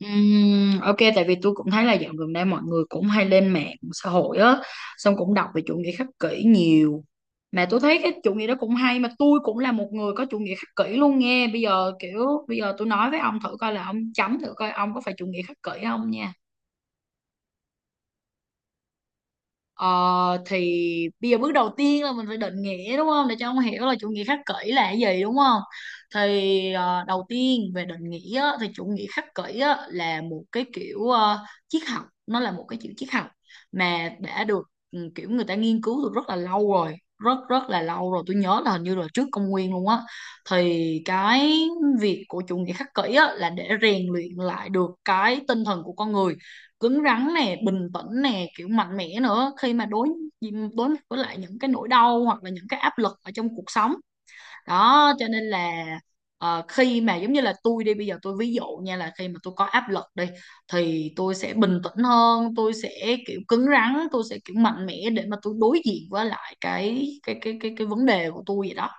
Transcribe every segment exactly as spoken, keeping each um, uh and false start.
Ừm, ok, tại vì tôi cũng thấy là dạo gần đây mọi người cũng hay lên mạng xã hội á, xong cũng đọc về chủ nghĩa khắc kỷ nhiều. Mà tôi thấy cái chủ nghĩa đó cũng hay, mà tôi cũng là một người có chủ nghĩa khắc kỷ luôn nghe. Bây giờ kiểu bây giờ tôi nói với ông thử coi, là ông chấm thử coi ông có phải chủ nghĩa khắc kỷ không nha. Ờ, thì bây giờ bước đầu tiên là mình phải định nghĩa, đúng không, để cho ông hiểu là chủ nghĩa khắc kỷ là cái gì, đúng không. Thì ờ, đầu tiên về định nghĩa á, thì chủ nghĩa khắc kỷ á, là một cái kiểu ờ, triết học, nó là một cái kiểu triết học mà đã được, ừ, kiểu người ta nghiên cứu từ rất là lâu rồi, rất rất là lâu rồi, tôi nhớ là hình như là trước công nguyên luôn á. Thì cái việc của chủ nghĩa khắc kỷ á, là để rèn luyện lại được cái tinh thần của con người, cứng rắn nè, bình tĩnh nè, kiểu mạnh mẽ nữa, khi mà đối đối mặt với lại những cái nỗi đau hoặc là những cái áp lực ở trong cuộc sống đó. Cho nên là, ờ, khi mà giống như là tôi đi, bây giờ tôi ví dụ nha, là khi mà tôi có áp lực đi, thì tôi sẽ bình tĩnh hơn, tôi sẽ kiểu cứng rắn, tôi sẽ kiểu mạnh mẽ để mà tôi đối diện với lại cái cái cái cái cái vấn đề của tôi vậy đó.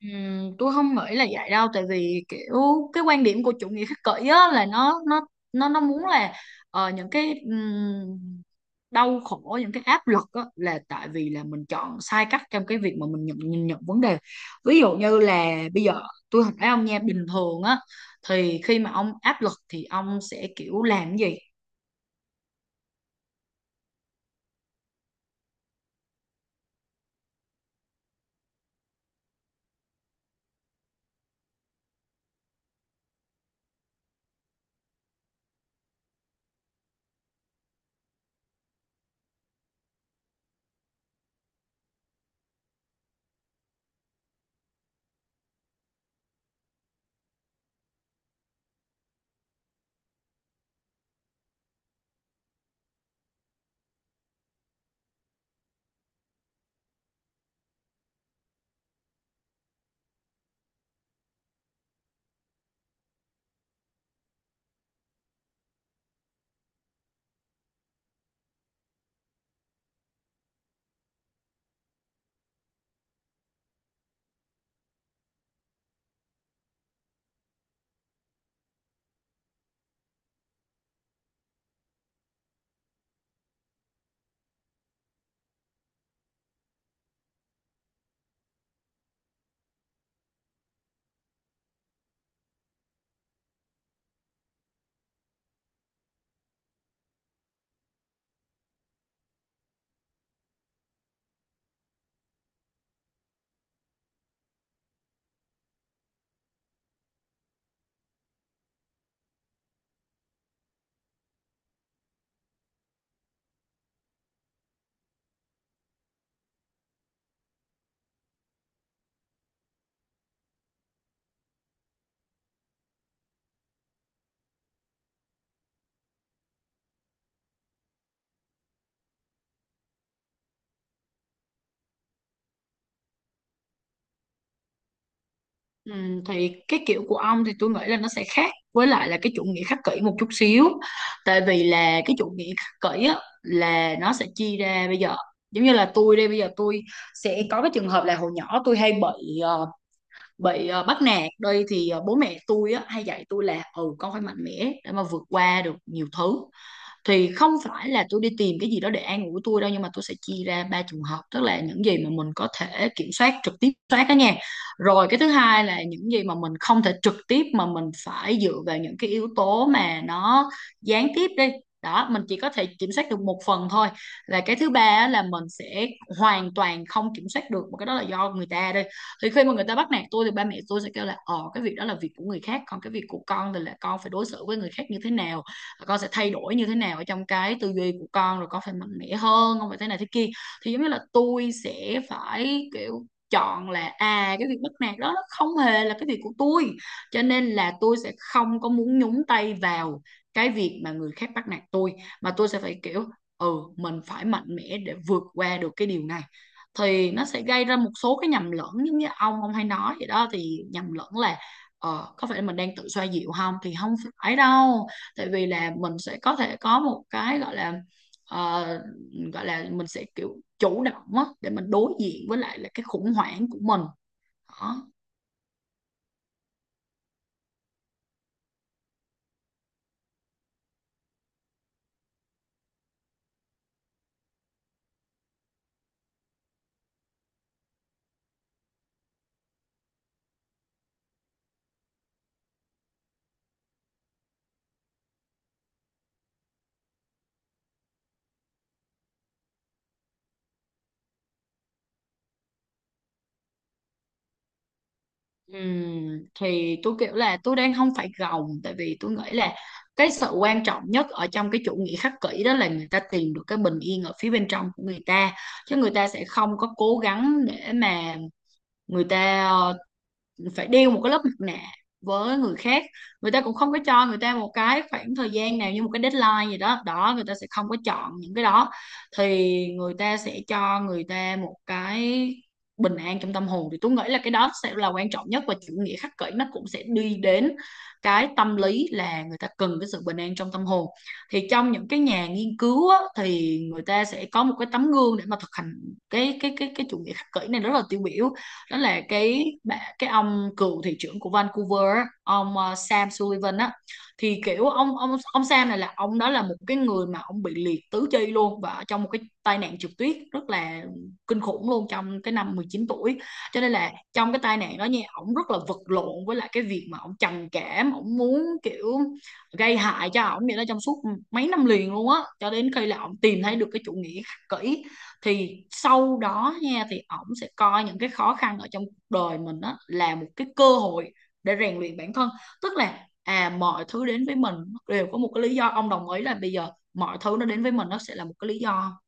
Ừm, tôi không nghĩ là vậy đâu, tại vì kiểu cái quan điểm của chủ nghĩa khích kỷ á, là nó nó nó nó muốn là, ờ, những cái ừm, đau khổ, những cái áp lực á, là tại vì là mình chọn sai cách trong cái việc mà mình nhận nhìn nhận vấn đề. Ví dụ như là bây giờ tôi hỏi ông nha, bình thường á thì khi mà ông áp lực thì ông sẽ kiểu làm cái gì? Ừ, thì cái kiểu của ông thì tôi nghĩ là nó sẽ khác với lại là cái chủ nghĩa khắc kỷ một chút xíu. Tại vì là cái chủ nghĩa khắc kỷ á, là nó sẽ chia ra. Bây giờ giống như là tôi đây, bây giờ tôi sẽ có cái trường hợp là hồi nhỏ tôi hay bị ờ, bị ờ, bắt nạt đây, thì ờ, bố mẹ tôi á, hay dạy tôi là ừ con phải mạnh mẽ để mà vượt qua được nhiều thứ. Thì không phải là tôi đi tìm cái gì đó để an ủi tôi đâu, nhưng mà tôi sẽ chia ra ba trường hợp, tức là những gì mà mình có thể kiểm soát trực tiếp soát đó nha. Rồi cái thứ hai là những gì mà mình không thể trực tiếp, mà mình phải dựa vào những cái yếu tố mà nó gián tiếp đi, đó mình chỉ có thể kiểm soát được một phần thôi. Là cái thứ ba á, là mình sẽ hoàn toàn không kiểm soát được, mà cái đó là do người ta đi. Thì khi mà người ta bắt nạt tôi thì ba mẹ tôi sẽ kêu là, ờ cái việc đó là việc của người khác, còn cái việc của con thì là con phải đối xử với người khác như thế nào, con sẽ thay đổi như thế nào ở trong cái tư duy của con, rồi con phải mạnh mẽ hơn, không phải thế này thế kia. Thì giống như là tôi sẽ phải kiểu chọn là à cái việc bắt nạt đó nó không hề là cái việc của tôi, cho nên là tôi sẽ không có muốn nhúng tay vào cái việc mà người khác bắt nạt tôi, mà tôi sẽ phải kiểu ừ mình phải mạnh mẽ để vượt qua được cái điều này. Thì nó sẽ gây ra một số cái nhầm lẫn, giống như ông ông hay nói vậy đó, thì nhầm lẫn là ờ, có phải mình đang tự xoa dịu không, thì không phải đâu. Tại vì là mình sẽ có thể có một cái gọi là, ờ, gọi là mình sẽ kiểu chủ động á để mình đối diện với lại là cái khủng hoảng của mình đó. Ừm, thì tôi kiểu là tôi đang không phải gồng, tại vì tôi nghĩ là cái sự quan trọng nhất ở trong cái chủ nghĩa khắc kỷ đó là người ta tìm được cái bình yên ở phía bên trong của người ta, chứ người ta sẽ không có cố gắng để mà người ta ờ, phải đeo một cái lớp mặt nạ với người khác. Người ta cũng không có cho người ta một cái khoảng thời gian nào như một cái deadline gì đó đó, người ta sẽ không có chọn những cái đó. Thì người ta sẽ cho người ta một cái bình an trong tâm hồn, thì tôi nghĩ là cái đó sẽ là quan trọng nhất, và chủ nghĩa khắc kỷ nó cũng sẽ đi đến cái tâm lý là người ta cần cái sự bình an trong tâm hồn. Thì trong những cái nhà nghiên cứu á, thì người ta sẽ có một cái tấm gương để mà thực hành cái cái cái cái chủ nghĩa khắc kỷ này rất là tiêu biểu, đó là cái bà- cái ông cựu thị trưởng của Vancouver, ông ờ, Sam Sullivan á. Thì kiểu ông ông ông Sam này là ông đó là một cái người mà ông bị liệt tứ chi luôn và trong một cái tai nạn trượt tuyết rất là kinh khủng luôn, trong cái năm mười chín tuổi. Cho nên là trong cái tai nạn đó nha, ông rất là vật lộn với lại cái việc mà ông trầm cảm, ông muốn kiểu gây hại cho ông vậy đó, trong suốt mấy năm liền luôn á, cho đến khi là ông tìm thấy được cái chủ nghĩa khắc kỷ. Thì sau đó nha thì ổng sẽ coi những cái khó khăn ở trong cuộc đời mình á là một cái cơ hội để rèn luyện bản thân. Tức là à mọi thứ đến với mình đều có một cái lý do, ông đồng ý là bây giờ mọi thứ nó đến với mình nó sẽ là một cái lý do.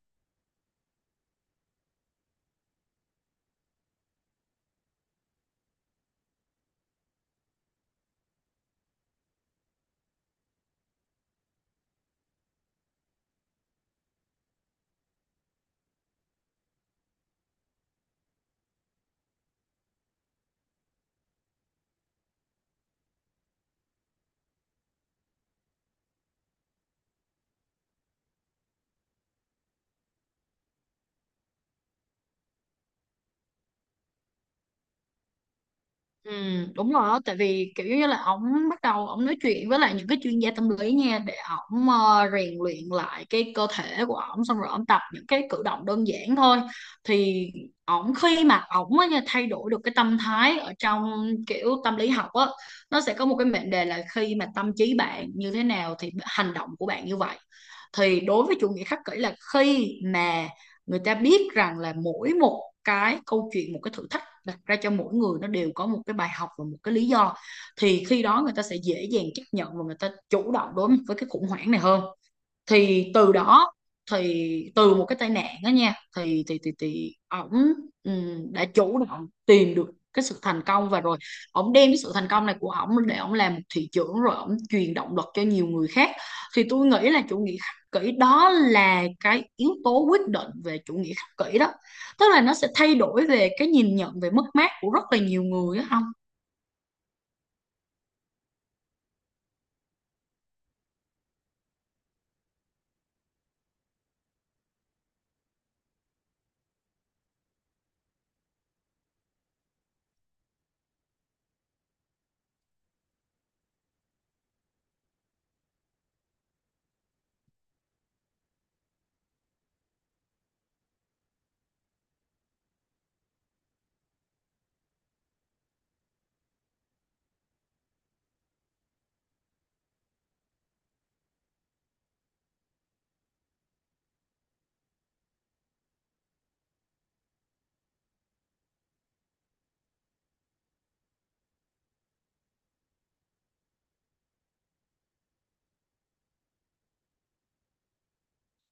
Ừ, Đúng rồi á, tại vì kiểu như là ổng bắt đầu ổng nói chuyện với lại những cái chuyên gia tâm lý nha, để ổng ờ, rèn luyện lại cái cơ thể của ổng, xong rồi ổng tập những cái cử động đơn giản thôi. Thì ổng khi mà ổng á nha, thay đổi được cái tâm thái ở trong kiểu tâm lý học á, nó sẽ có một cái mệnh đề là khi mà tâm trí bạn như thế nào thì hành động của bạn như vậy. Thì đối với chủ nghĩa khắc kỷ là khi mà người ta biết rằng là mỗi một cái câu chuyện, một cái thử thách đặt ra cho mỗi người nó đều có một cái bài học và một cái lý do, thì khi đó người ta sẽ dễ dàng chấp nhận và người ta chủ động đối với cái khủng hoảng này hơn. Thì từ đó, thì từ một cái tai nạn đó nha, thì thì thì thì ổng ừm, đã chủ động tìm được cái sự thành công, và rồi ổng đem cái sự thành công này của ổng để ổng làm một thị trưởng, rồi ổng truyền động lực cho nhiều người khác. Thì tôi nghĩ là chủ nghĩa khắc kỷ đó là cái yếu tố quyết định về chủ nghĩa khắc kỷ đó, tức là nó sẽ thay đổi về cái nhìn nhận về mất mát của rất là nhiều người á không.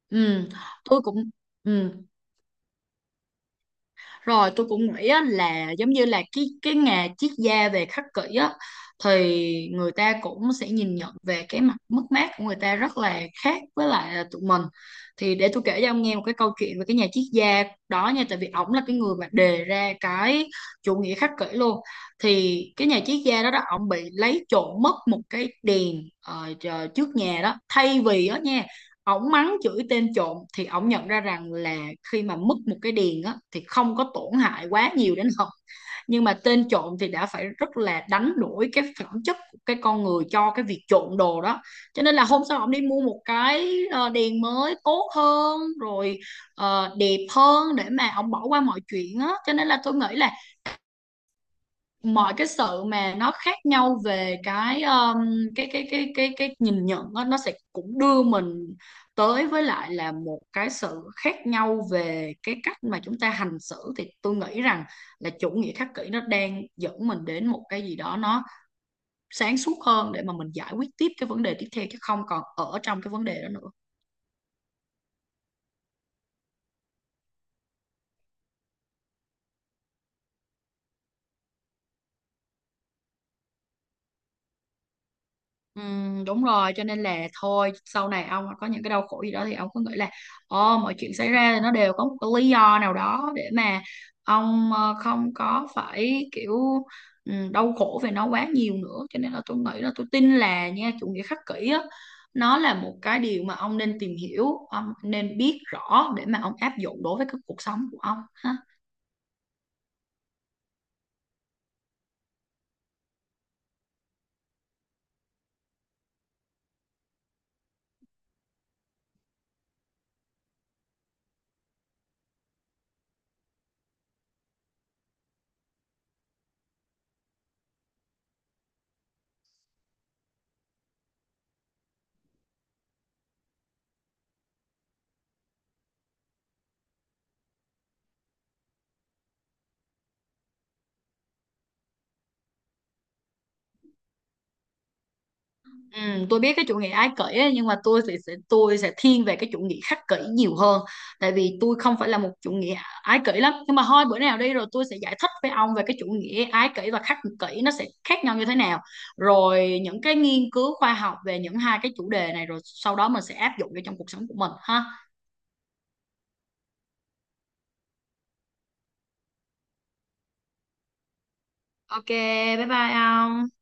Ừ, tôi cũng, ừ. Rồi tôi cũng nghĩ á, là giống như là cái cái nghề triết gia về khắc kỷ á, thì người ta cũng sẽ nhìn nhận về cái mặt mất mát của người ta rất là khác với lại là tụi mình. Thì để tôi kể cho ông nghe một cái câu chuyện về cái nhà triết gia đó nha, tại vì ổng là cái người mà đề ra cái chủ nghĩa khắc kỷ luôn. Thì cái nhà triết gia đó đó ổng bị lấy trộm mất một cái đèn ờ, chờ- trước nhà đó. Thay vì đó nha ổng mắng chửi tên trộm, thì ổng nhận ra rằng là khi mà mất một cái điền á thì không có tổn hại quá nhiều đến họ, nhưng mà tên trộm thì đã phải rất là đánh đổi cái phẩm chất của cái con người cho cái việc trộm đồ đó. Cho nên là hôm sau ổng đi mua một cái ờ, đèn mới tốt hơn rồi ờ, đẹp hơn để mà ổng bỏ qua mọi chuyện á. Cho nên là tôi nghĩ là mọi cái sự mà nó khác nhau về cái um, cái cái cái cái cái nhìn nhận đó, nó sẽ cũng đưa mình tới với lại là một cái sự khác nhau về cái cách mà chúng ta hành xử. Thì tôi nghĩ rằng là chủ nghĩa khắc kỷ nó đang dẫn mình đến một cái gì đó nó sáng suốt hơn, để mà mình giải quyết tiếp cái vấn đề tiếp theo, chứ không còn ở trong cái vấn đề đó nữa. Ừ, Đúng rồi, cho nên là thôi sau này ông có những cái đau khổ gì đó thì ông cứ nghĩ là, ờ, mọi chuyện xảy ra thì nó đều có một cái lý do nào đó, để mà ông ờ, không có phải kiểu ừ, đau khổ về nó quá nhiều nữa. Cho nên là tôi nghĩ là, tôi tin là nha, chủ nghĩa khắc kỷ á, nó là một cái điều mà ông nên tìm hiểu, ông nên biết rõ để mà ông áp dụng đối với cái cuộc sống của ông. Ừ, tôi biết cái chủ nghĩa ái kỷ ấy, nhưng mà tôi sẽ, sẽ tôi sẽ thiên về cái chủ nghĩa khắc kỷ nhiều hơn, tại vì tôi không phải là một chủ nghĩa ái kỷ lắm. Nhưng mà thôi bữa nào đi rồi tôi sẽ giải thích với ông về cái chủ nghĩa ái kỷ và khắc kỷ nó sẽ khác nhau như thế nào, rồi những cái nghiên cứu khoa học về những hai cái chủ đề này, rồi sau đó mình sẽ áp dụng vô trong cuộc sống của mình ha. Ok, bye bye ông.